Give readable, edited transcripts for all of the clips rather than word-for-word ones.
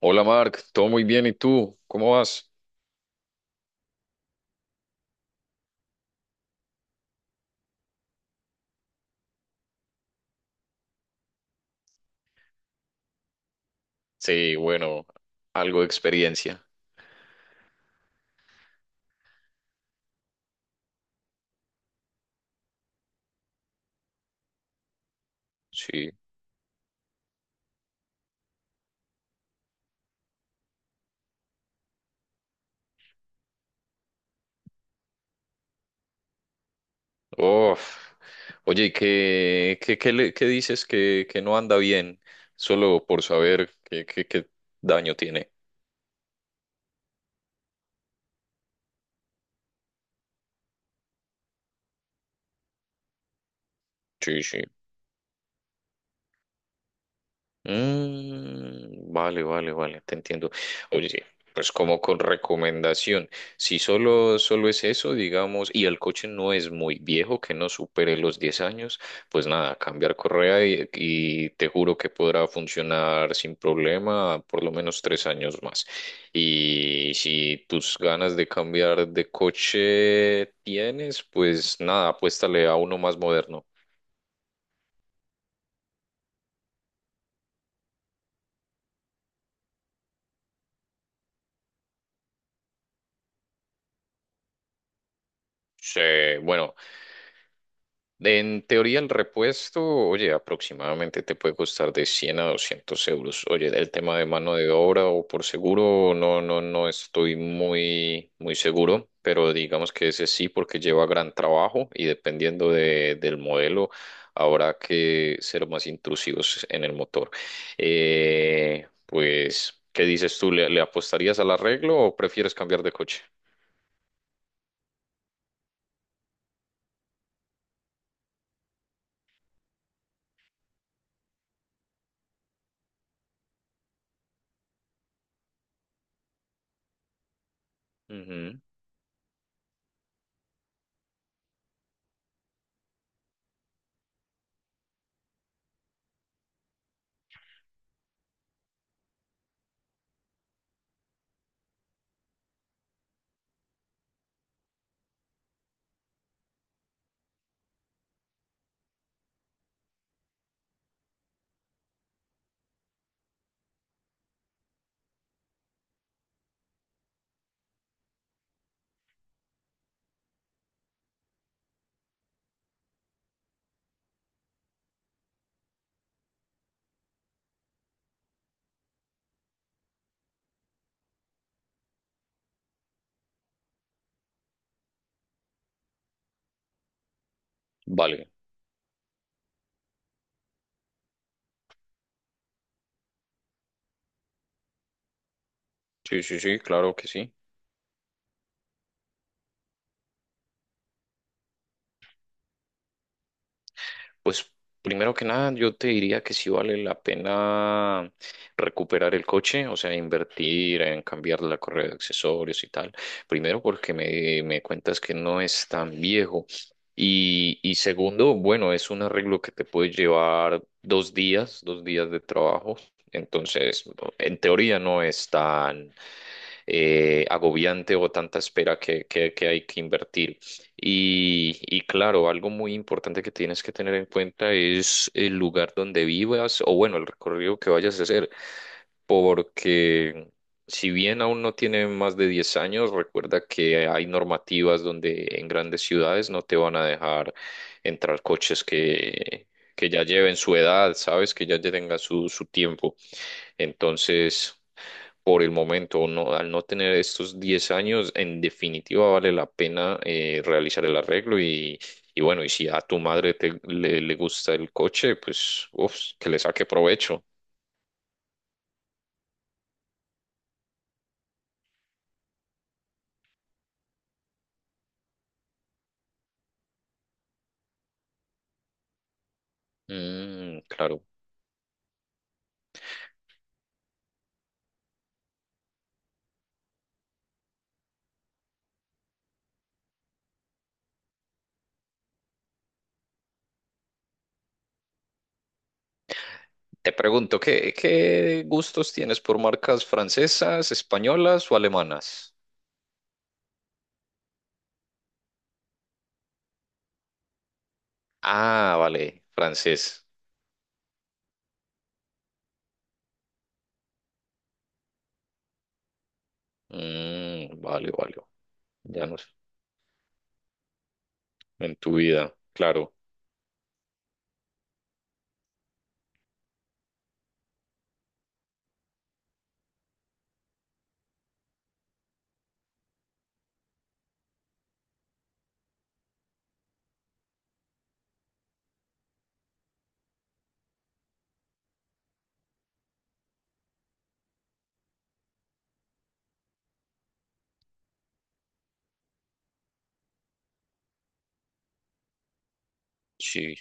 Hola Mark, todo muy bien, ¿y tú? ¿Cómo vas? Sí, bueno, algo de experiencia. Sí. Uf. Oye, ¿y qué dices que no anda bien? Solo por saber qué daño tiene. Sí, sí. Vale, vale, vale, te entiendo. Oye, sí, pues como con recomendación, si solo es eso, digamos, y el coche no es muy viejo, que no supere los 10 años, pues nada, cambiar correa y te juro que podrá funcionar sin problema por lo menos tres años más. Y si tus ganas de cambiar de coche tienes, pues nada, apuéstale a uno más moderno. Sí, bueno. En teoría, el repuesto, oye, aproximadamente te puede costar de 100 a 200 euros. Oye, el tema de mano de obra o por seguro, no, no, no estoy muy, muy seguro, pero digamos que ese sí, porque lleva gran trabajo y dependiendo del modelo, habrá que ser más intrusivos en el motor. Pues, ¿qué dices tú? ¿Le apostarías al arreglo o prefieres cambiar de coche? Ujú. Vale. Sí, sí, sí, claro que sí. Pues primero que nada, yo te diría que sí vale la pena recuperar el coche, o sea, invertir en cambiar la correa de accesorios y tal. Primero porque me cuentas que no es tan viejo. Y segundo, bueno, es un arreglo que te puede llevar dos días de trabajo. Entonces, en teoría no es tan, agobiante o tanta espera que hay que invertir. Y claro, algo muy importante que tienes que tener en cuenta es el lugar donde vivas o bueno, el recorrido que vayas a hacer, porque si bien aún no tiene más de 10 años, recuerda que hay normativas donde en grandes ciudades no te van a dejar entrar coches que ya lleven su edad, sabes, que ya tengan su, su tiempo. Entonces, por el momento, no, al no tener estos 10 años, en definitiva vale la pena realizar el arreglo y bueno, y si a tu madre le gusta el coche, pues uf, que le saque provecho. Claro. Te pregunto, ¿qué, qué gustos tienes por marcas francesas, españolas o alemanas? Ah, vale, francés. Vale, vale. Ya no sé, en tu vida, claro. Sí.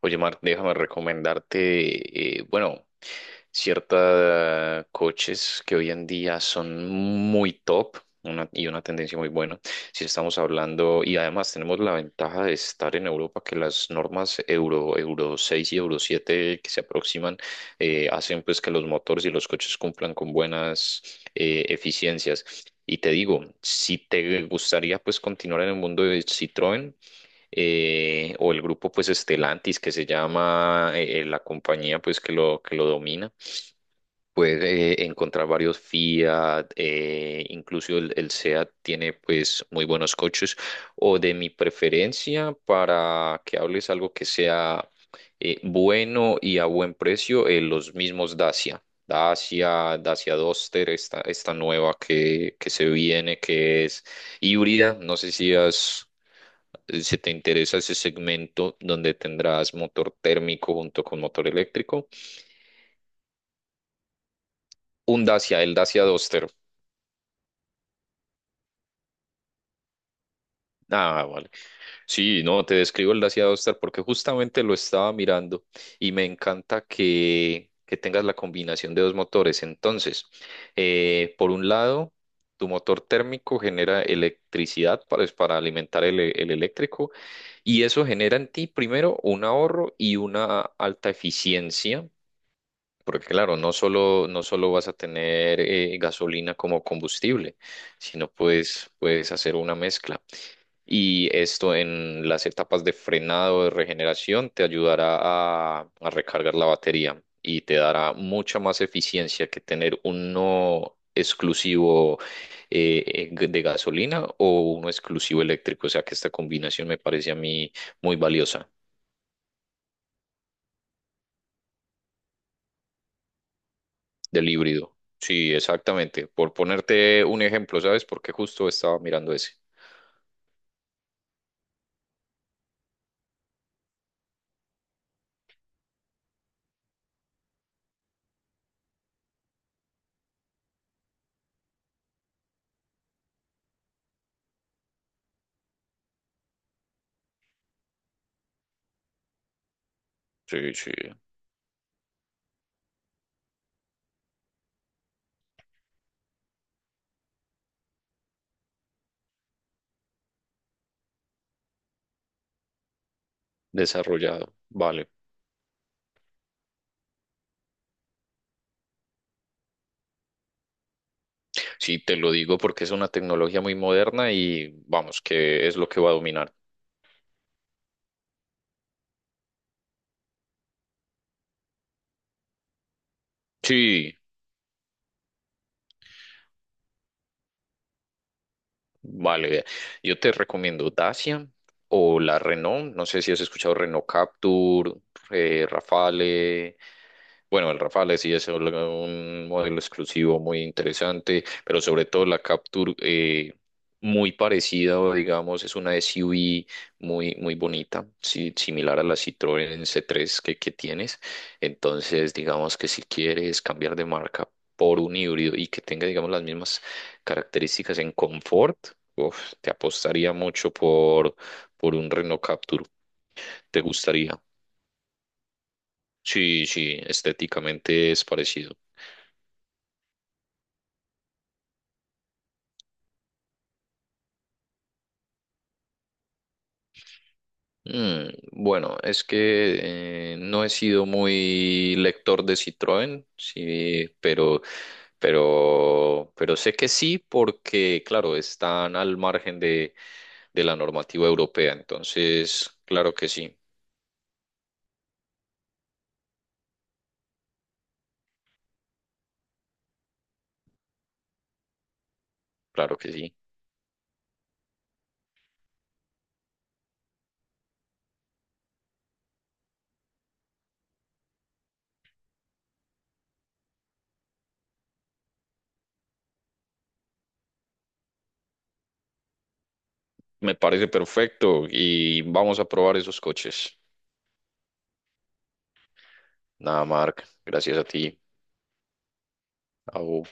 Oye, Mar, déjame recomendarte, bueno, ciertos coches que hoy en día son muy top y una tendencia muy buena. Si estamos hablando, y además tenemos la ventaja de estar en Europa, que las normas Euro 6 y Euro 7 que se aproximan hacen pues que los motores y los coches cumplan con buenas eficiencias. Y te digo, si te gustaría pues continuar en el mundo de Citroën, o el grupo pues Estelantis que se llama la compañía pues que lo domina. Puedes encontrar varios Fiat, incluso el Seat tiene pues muy buenos coches o de mi preferencia para que hables algo que sea bueno y a buen precio, los mismos Dacia. Dacia Duster, esta nueva que se viene, que es híbrida. No sé si has si te interesa ese segmento donde tendrás motor térmico junto con motor eléctrico, un Dacia, el Dacia Duster. Ah, vale. Sí, no, te describo el Dacia Duster porque justamente lo estaba mirando y me encanta que tengas la combinación de dos motores. Entonces, por un lado, tu motor térmico genera electricidad para alimentar el eléctrico y eso genera en ti primero un ahorro y una alta eficiencia. Porque claro, no solo vas a tener gasolina como combustible, sino puedes hacer una mezcla. Y esto en las etapas de frenado, de regeneración, te ayudará a recargar la batería y te dará mucha más eficiencia que tener uno exclusivo de gasolina o uno exclusivo eléctrico. O sea que esta combinación me parece a mí muy valiosa. Del híbrido. Sí, exactamente. Por ponerte un ejemplo, ¿sabes? Porque justo estaba mirando ese. Sí, sí. Desarrollado. Vale. Sí, te lo digo porque es una tecnología muy moderna y vamos, que es lo que va a dominar. Sí, vale. Vea. Yo te recomiendo Dacia o la Renault. No sé si has escuchado Renault Captur, Rafale. Bueno, el Rafale sí es un modelo exclusivo muy interesante, pero sobre todo la Capture muy parecida, o digamos, es una SUV muy, muy bonita, sí, similar a la Citroën c tres que tienes. Entonces, digamos que si quieres cambiar de marca por un híbrido y que tenga, digamos, las mismas características en confort, uf, te apostaría mucho por un Renault Capture. ¿Te gustaría? Sí, sí, estéticamente es parecido. Bueno, es que no he sido muy lector de Citroën, sí, pero sé que sí, porque, claro, están al margen de la normativa europea. Entonces, claro que sí, claro que sí. Me parece perfecto y vamos a probar esos coches. Nada, Marc, gracias a ti. Au.